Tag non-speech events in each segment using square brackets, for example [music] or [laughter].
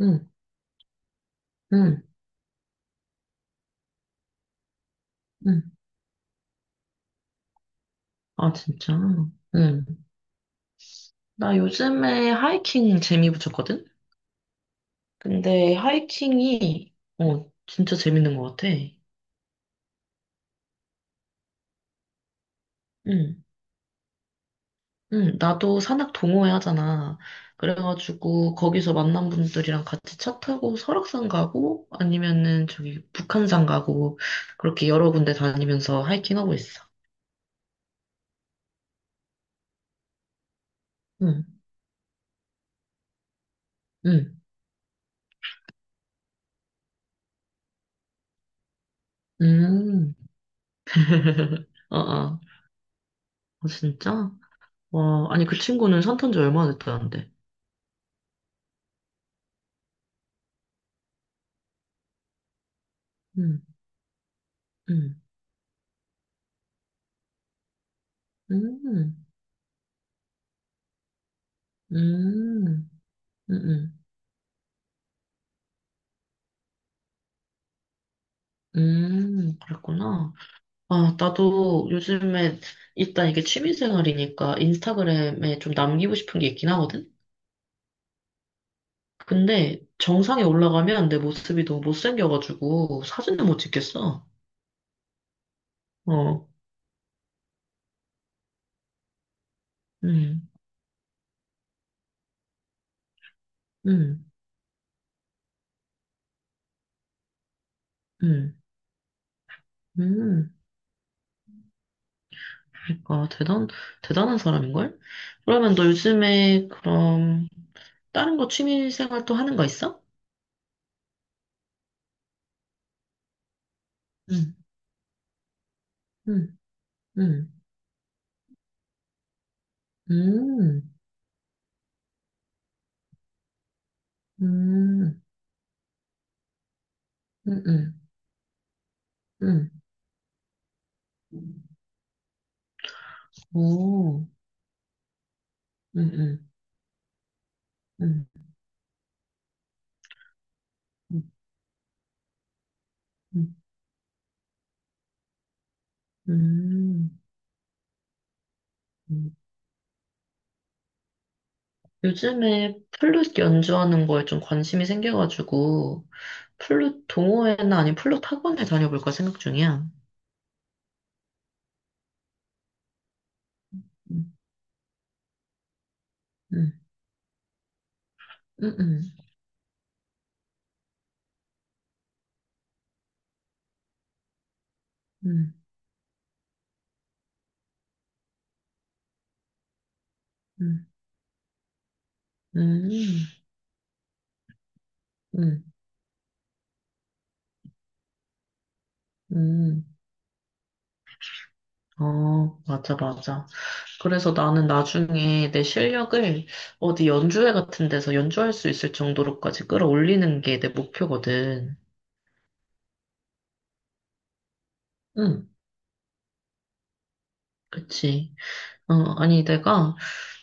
응, 응, 응. 아, 진짜? 응. 나 요즘에 하이킹 재미 붙였거든? 근데 하이킹이, 어, 진짜 재밌는 것 같아. 응, 응. 나도 산악 동호회 하잖아. 그래가지고, 거기서 만난 분들이랑 같이 차 타고 설악산 가고, 아니면은 저기 북한산 가고, 그렇게 여러 군데 다니면서 하이킹하고 있어. 응, 응, 응. [laughs] 어, 어. 아, 진짜? 와, 아니, 그 친구는 산탄지 얼마나 됐다는데? 음, 음, 음, 음, 음, 음, 음, 그랬구나. 아, 나도 요즘에 일단 이게 취미생활이니까 인스타그램에 좀 남기고 싶은 게 있긴 하거든? 근데 정상에 올라가면 내 모습이 너무 못생겨가지고 사진도 못 찍겠어. 어, 음, 음, 음, 음. 그러니까 대단한 사람인걸? 그러면 너 요즘에 그럼 다른 거 취미생활 또 하는 거 있어? 응, 응, 응. 음, 음, 음, 음, 음. 오, 음, 음, 음, 음. 음. 음. 요즘에 플룻 연주하는 거에 좀 관심이 생겨가지고, 플룻 동호회나 아니면 플룻 학원을 다녀볼까 생각 중이야. 음, 음, 음, 음, 음, 음, 음, 음. 음. 어, 맞아, 맞아. 그래서 나는 나중에 내 실력을 어디 연주회 같은 데서 연주할 수 있을 정도로까지 끌어올리는 게 내 목표거든. 응, 그치. 어, 아니, 내가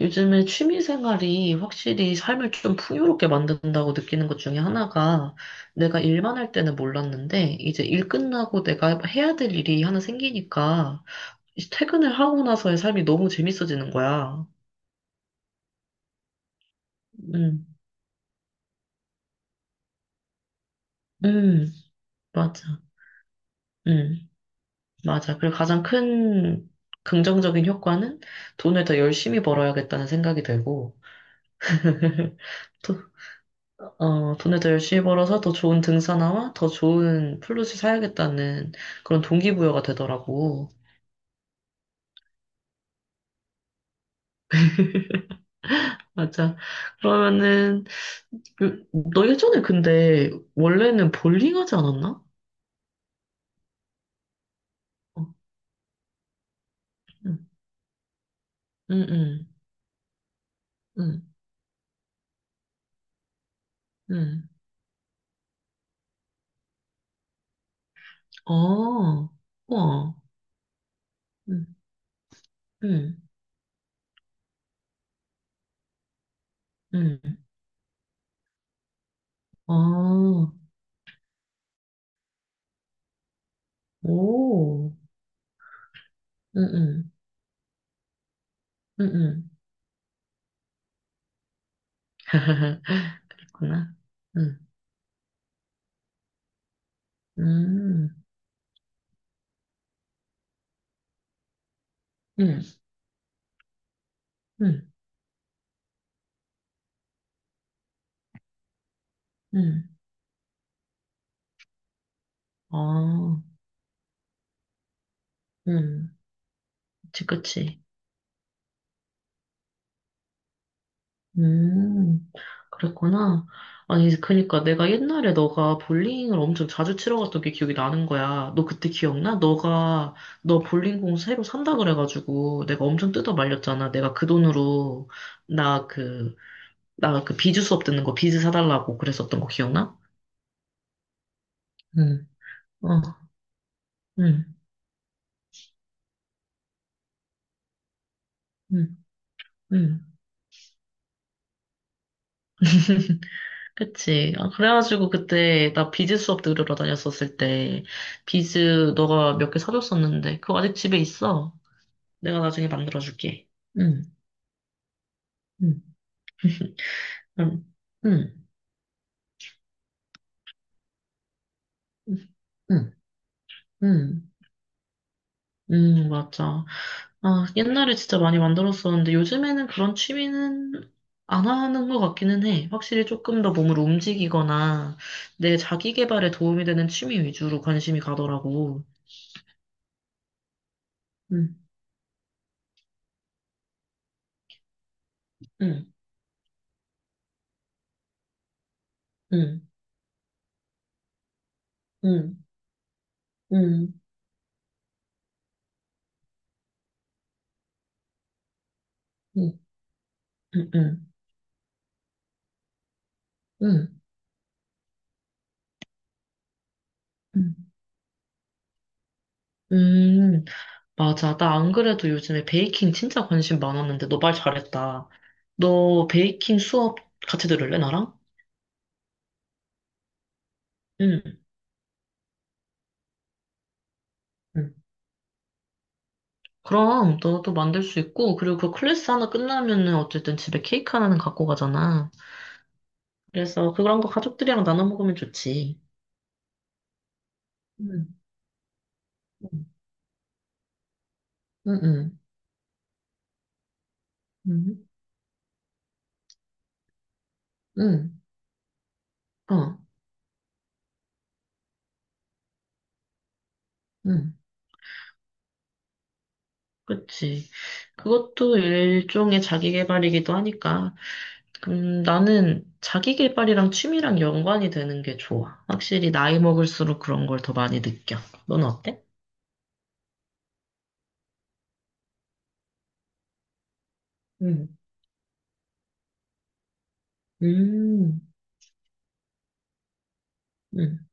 요즘에 취미 생활이 확실히 삶을 좀 풍요롭게 만든다고 느끼는 것 중에 하나가 내가 일만 할 때는 몰랐는데 이제 일 끝나고 내가 해야 될 일이 하나 생기니까 이제 퇴근을 하고 나서의 삶이 너무 재밌어지는 거야. 응, 응, 맞아. 응. 맞아. 그리고 가장 큰 긍정적인 효과는 돈을 더 열심히 벌어야겠다는 생각이 들고, [laughs] 또, 어, 돈을 더 열심히 벌어서 더 좋은 등산화와 더 좋은 플룻을 사야겠다는 그런 동기부여가 되더라고. 맞아. 그러면은, 그, 너 예전에 근데 원래는 볼링 하지 않았나? 어, 응, 응, 응, 응, 응. 어, 우와. 응, 응, 응. 아, 오, 응, 응. 응, 응. [laughs] 그렇구나. 응, 음, 응, 응, 응. 아, 응. 그치, 그치. 음, 그랬구나. 아니, 그니까 내가 옛날에 너가 볼링을 엄청 자주 치러 갔던 게 기억이 나는 거야. 너 그때 기억나? 너 볼링공 새로 산다 그래가지고 내가 엄청 뜯어 말렸잖아. 내가 그 돈으로 나 그, 나 그 비즈 수업 듣는 거 비즈 사달라고 그랬었던 거 기억나? 응, 어, 응, 응, 응. [laughs] 그치. 아, 그래가지고 그때 나 비즈 수업 들으러 다녔었을 때 비즈 너가 몇 개 사줬었는데 그거 아직 집에 있어. 내가 나중에 만들어줄게. 응, 응, 응. 응, 응, 응. 응... 응, 맞아. 아, 옛날에 진짜 많이 만들었었는데 요즘에는 그런 취미는 안 하는 것 같기는 해. 확실히 조금 더 몸을 움직이거나 내 자기 개발에 도움이 되는 취미 위주로 관심이 가더라고. 응. 응, 응, 응, 응, 응. 응, 응, 응. 응 음, 맞아. 나 안 그래도 요즘에 베이킹 진짜 관심 많았는데, 너 말 잘했다. 너 베이킹 수업 같이 들을래, 나랑? 응, 응. 그럼, 너도 만들 수 있고, 그리고 그 클래스 하나 끝나면은 어쨌든 집에 케이크 하나는 갖고 가잖아. 그래서 그런 거 가족들이랑 나눠 먹으면 좋지. 응 응, 응, 응 응, 응, 어, 응. 그치. 그것도 일종의 자기 개발이기도 하니까 나는 자기 개발이랑 취미랑 연관이 되는 게 좋아. 확실히 나이 먹을수록 그런 걸 더 많이 느껴. 넌 어때? 음, 음, 음,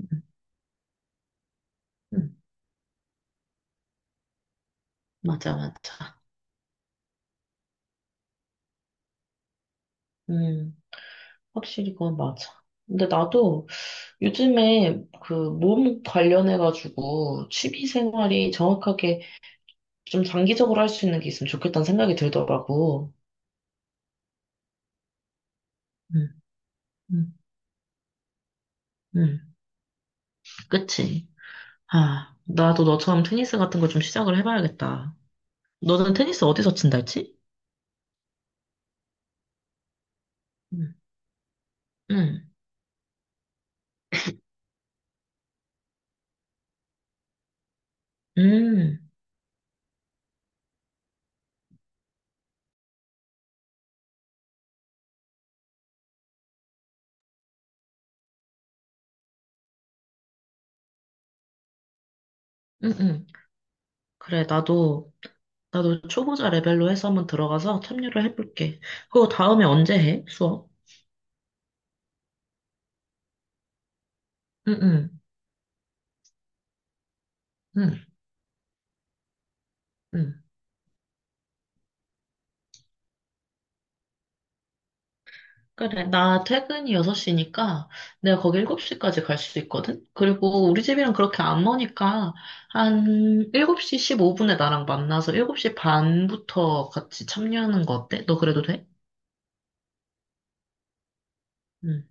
음, 음. 맞아, 맞아. 음, 확실히 그건 맞아. 근데 나도 요즘에 그 몸 관련해가지고 취미 생활이 정확하게 좀 장기적으로 할 수 있는 게 있으면 좋겠다는 생각이 들더라고. 음, 음, 음. 그치? 아, 나도 너처럼 테니스 같은 걸 좀 시작을 해봐야겠다. 너는 테니스 어디서 친다 했지? 응, 응, 응, 응, 응. 그래, 나도, 나도 초보자 레벨로 해서 한번 들어가서 참여를 해볼게. 그거 다음에 언제 해? 수업? 응, 응, 응, 응. 그래, 나 퇴근이 6시니까 내가 거기 7시까지 갈 수 있거든? 그리고 우리 집이랑 그렇게 안 머니까 한 7시 15분에 나랑 만나서 7시 반부터 같이 참여하는 거 어때? 너 그래도 돼? 응,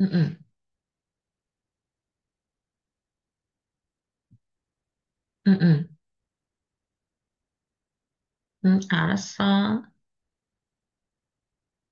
응, 응, 응, 응, 응, 알았어.